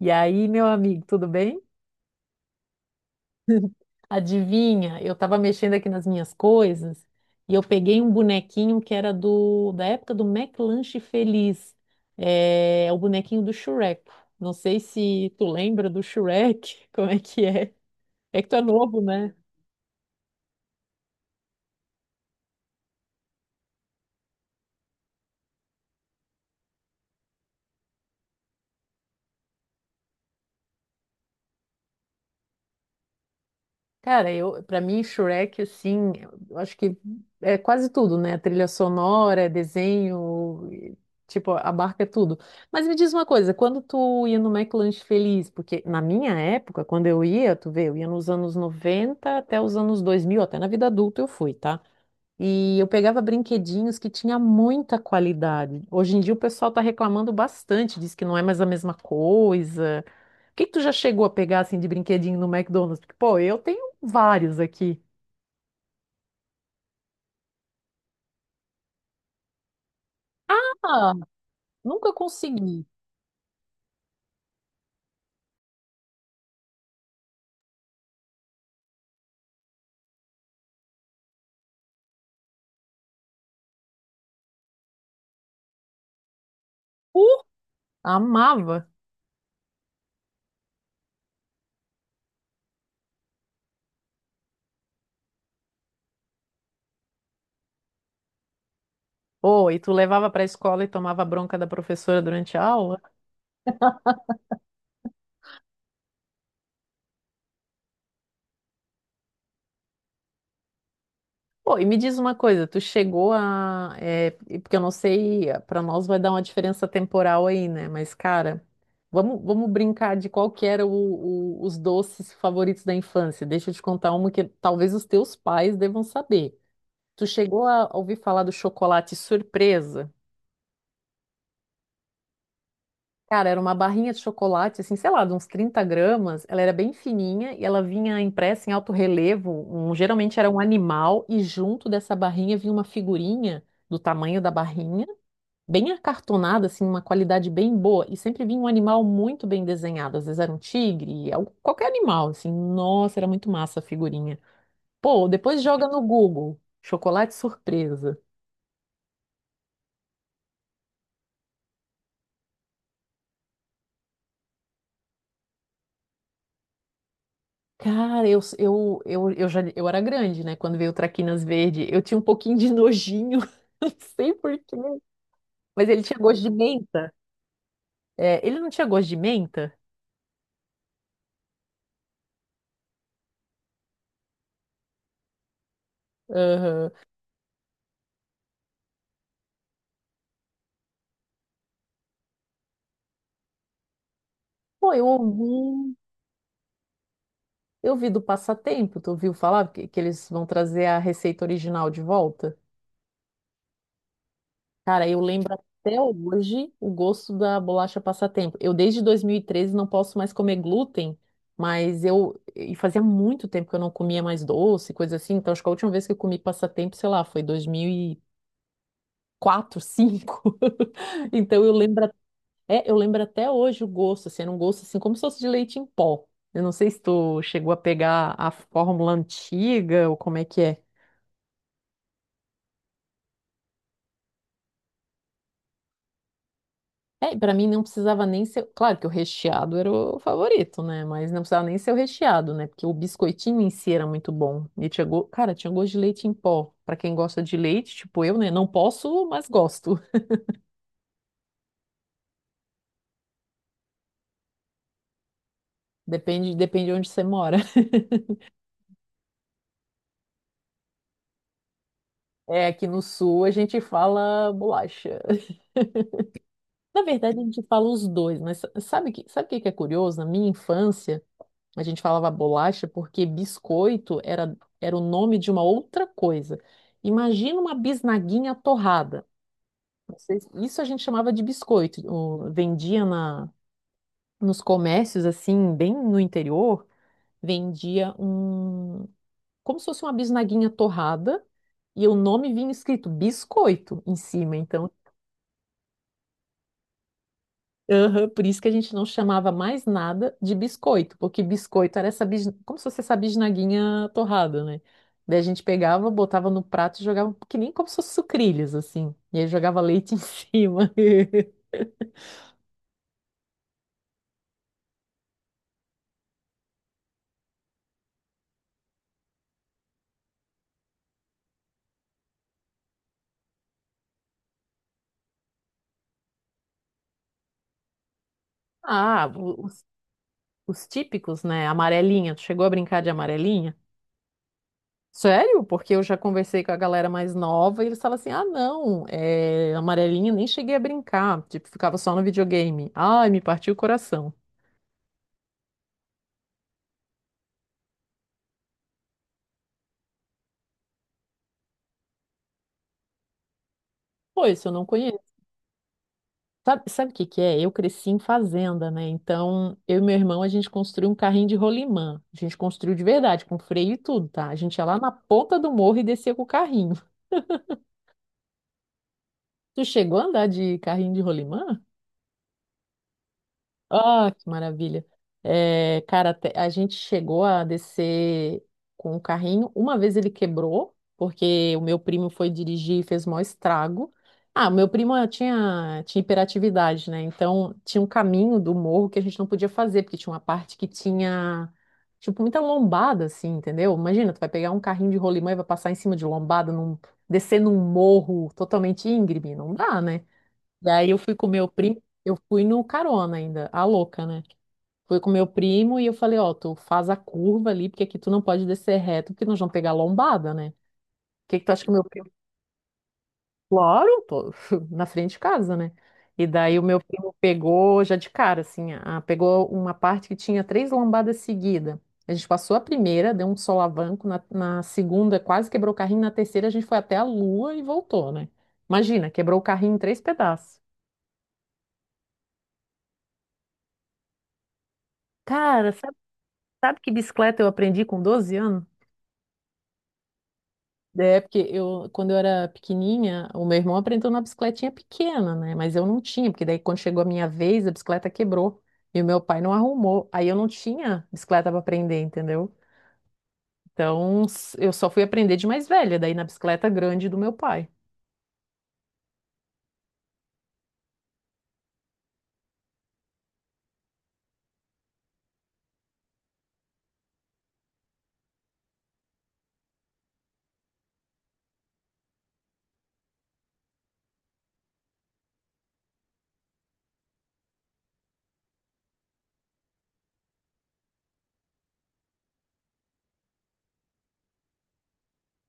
E aí, meu amigo, tudo bem? Adivinha, eu tava mexendo aqui nas minhas coisas e eu peguei um bonequinho que era do da época do McLanche Feliz. É o bonequinho do Shrek. Não sei se tu lembra do Shrek, como é que é? É que tu é novo, né? Cara, eu, para mim, Shrek, assim, eu acho que é quase tudo, né? Trilha sonora, é desenho, e, tipo, abarca tudo. Mas me diz uma coisa, quando tu ia no McLanche Feliz, porque na minha época, quando eu ia, tu vê, eu ia nos anos 90 até os anos 2000, até na vida adulta eu fui, tá? E eu pegava brinquedinhos que tinha muita qualidade. Hoje em dia o pessoal está reclamando bastante, diz que não é mais a mesma coisa. O que que tu já chegou a pegar assim de brinquedinho no McDonald's? Porque, pô, eu tenho vários aqui. Ah, nunca consegui. Uh, Amava. Oh, e tu levava para a escola e tomava bronca da professora durante a aula? Pô, e me diz uma coisa, tu chegou a. É, e porque eu não sei, pra nós vai dar uma diferença temporal aí, né? Mas, cara, vamos brincar de qual que era os doces favoritos da infância. Deixa eu te contar uma que talvez os teus pais devam saber. Tu chegou a ouvir falar do chocolate surpresa? Cara, era uma barrinha de chocolate, assim, sei lá, de uns 30 gramas. Ela era bem fininha e ela vinha impressa em alto relevo. Geralmente era um animal e junto dessa barrinha vinha uma figurinha do tamanho da barrinha, bem acartonada, assim, uma qualidade bem boa. E sempre vinha um animal muito bem desenhado. Às vezes era um tigre, qualquer animal, assim. Nossa, era muito massa a figurinha. Pô, depois joga no Google, chocolate surpresa. Cara, eu era grande, né? Quando veio o Traquinas Verde, eu tinha um pouquinho de nojinho, não sei por quê. Mas ele tinha gosto de menta. É, ele não tinha gosto de menta? Aham. Pô, eu ouvi, eu vi do Passatempo, tu ouviu falar que eles vão trazer a receita original de volta? Cara, eu lembro até hoje o gosto da bolacha passatempo. Eu desde 2013 não posso mais comer glúten, mas eu e fazia muito tempo que eu não comia mais doce, coisa assim. Então acho que a última vez que eu comi passatempo, sei lá, foi 2004, 2005. Então eu lembro, eu lembro até hoje o gosto, assim, era um gosto assim como se fosse de leite em pó. Eu não sei se tu chegou a pegar a fórmula antiga ou como é que é. É, para mim não precisava nem ser. Claro que o recheado era o favorito, né? Mas não precisava nem ser o recheado, né? Porque o biscoitinho em si era muito bom. E tinha Cara, tinha gosto de leite em pó. Pra quem gosta de leite, tipo eu, né? Não posso, mas gosto. Depende de onde você mora. É, aqui no sul a gente fala bolacha. Na verdade, a gente fala os dois, mas sabe sabe o que que é curioso? Na minha infância, a gente falava bolacha porque biscoito era o nome de uma outra coisa. Imagina uma bisnaguinha torrada. Isso a gente chamava de biscoito. Vendia nos comércios, assim, bem no interior, vendia um, como se fosse uma bisnaguinha torrada, e o nome vinha escrito biscoito em cima. Então, aham, por isso que a gente não chamava mais nada de biscoito, porque biscoito era essa, como se fosse essa bisnaguinha torrada, né? Daí a gente pegava, botava no prato e jogava, que nem como se fosse sucrilhos, assim. E aí jogava leite em cima. Ah, os típicos, né? Amarelinha. Tu chegou a brincar de amarelinha? Sério? Porque eu já conversei com a galera mais nova e eles falam assim: ah, não, é, amarelinha nem cheguei a brincar. Tipo, ficava só no videogame. Ai, me partiu o coração. Pô, isso eu não conheço. Sabe o que que é? Eu cresci em fazenda, né? Então, eu e meu irmão, a gente construiu um carrinho de rolimã. A gente construiu de verdade, com freio e tudo, tá? A gente ia lá na ponta do morro e descia com o carrinho. Tu chegou a andar de carrinho de rolimã? Ah, que maravilha. É, cara, a gente chegou a descer com o carrinho. Uma vez ele quebrou, porque o meu primo foi dirigir e fez o maior estrago. Ah, o meu primo tinha hiperatividade, né? Então tinha um caminho do morro que a gente não podia fazer, porque tinha uma parte que tinha, tipo, muita lombada, assim, entendeu? Imagina, tu vai pegar um carrinho de rolimã e vai passar em cima de lombada, descer num morro totalmente íngreme. Não dá, né? E aí eu fui com meu primo, eu fui no carona ainda, a louca, né? Fui com meu primo e eu falei, ó, tu faz a curva ali, porque aqui tu não pode descer reto, porque nós vamos pegar lombada, né? O que que tu acha que o meu primo? Claro, tô na frente de casa, né? E daí o meu primo pegou já de cara, assim, pegou uma parte que tinha três lombadas seguidas. A gente passou a primeira, deu um solavanco, na segunda quase quebrou o carrinho, na terceira a gente foi até a lua e voltou, né? Imagina, quebrou o carrinho em três pedaços. Cara, sabe que bicicleta eu aprendi com 12 anos? É, porque eu, quando eu era pequenininha, o meu irmão aprendeu na bicicletinha pequena, né? Mas eu não tinha, porque daí quando chegou a minha vez, a bicicleta quebrou e o meu pai não arrumou. Aí eu não tinha bicicleta para aprender, entendeu? Então eu só fui aprender de mais velha, daí na bicicleta grande do meu pai.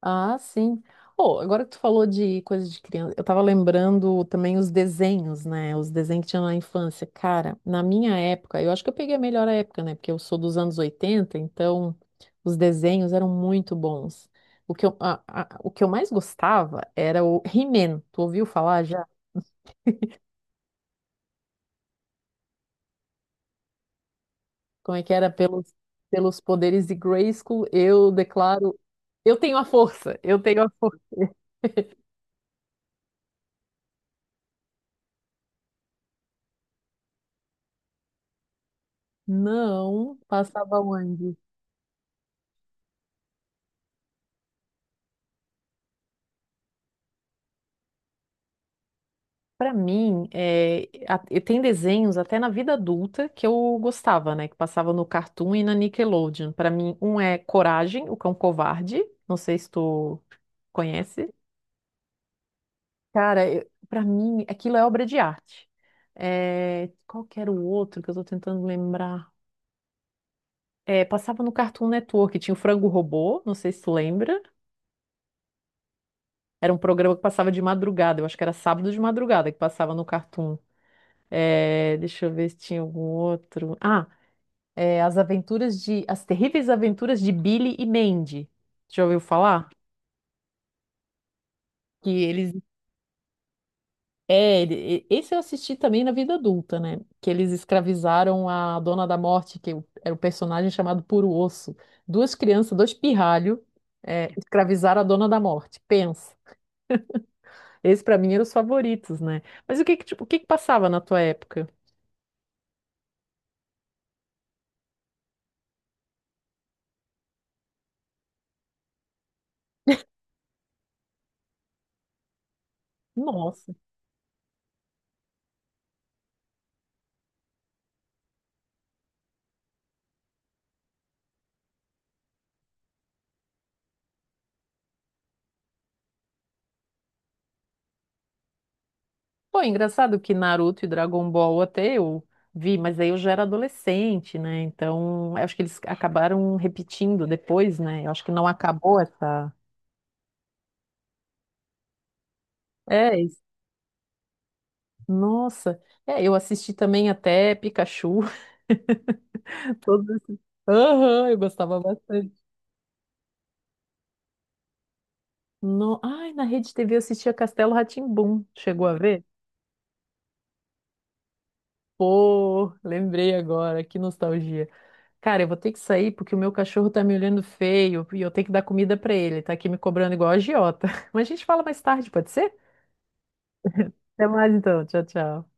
Ah, sim. Oh, agora que tu falou de coisa de criança, eu tava lembrando também os desenhos, né? Os desenhos que tinha na infância. Cara, na minha época, eu acho que eu peguei a melhor época, né? Porque eu sou dos anos 80. Então os desenhos eram muito bons. O que eu, o que eu mais gostava era o He-Man. Tu ouviu falar já? Como é que era pelos, poderes de Grayskull? Eu declaro. Eu tenho a força, eu tenho a força. Não, passava onde? Pra mim, é, e tem desenhos até na vida adulta que eu gostava, né? Que passava no Cartoon e na Nickelodeon. Pra mim, um é Coragem, o Cão Covarde. Não sei se tu conhece. Cara, eu, para mim, aquilo é obra de arte. É, qual que era o outro que eu tô tentando lembrar? É, passava no Cartoon Network, tinha o Frango Robô, não sei se tu lembra. Era um programa que passava de madrugada, eu acho que era sábado de madrugada que passava no Cartoon. É, deixa eu ver se tinha algum outro. Ah! É, As Aventuras de, As Terríveis Aventuras de Billy e Mandy. Já ouviu falar? Que eles, é, ele- e- esse eu assisti também na vida adulta, né? Que eles escravizaram a Dona da Morte, que era o personagem chamado Puro Osso. Duas crianças, dois pirralhos, é, escravizaram a Dona da Morte. Pensa. Esse pra mim eram os favoritos, né? Mas o que que, tipo, o que que passava na tua época? Nossa. Pô, é engraçado que Naruto e Dragon Ball até eu vi, mas aí eu já era adolescente, né? Então, eu acho que eles acabaram repetindo depois, né? Eu acho que não acabou essa. É, isso. Nossa. É, eu assisti também até Pikachu, todos esses. Aham, eu gostava bastante. No... Ai, na Rede TV eu assistia Castelo rá tim. Chegou a ver? Pô, lembrei agora, que nostalgia. Cara, eu vou ter que sair porque o meu cachorro tá me olhando feio e eu tenho que dar comida pra ele. Tá aqui me cobrando igual a agiota. Mas a gente fala mais tarde, pode ser? Até mais então. Tchau, tchau.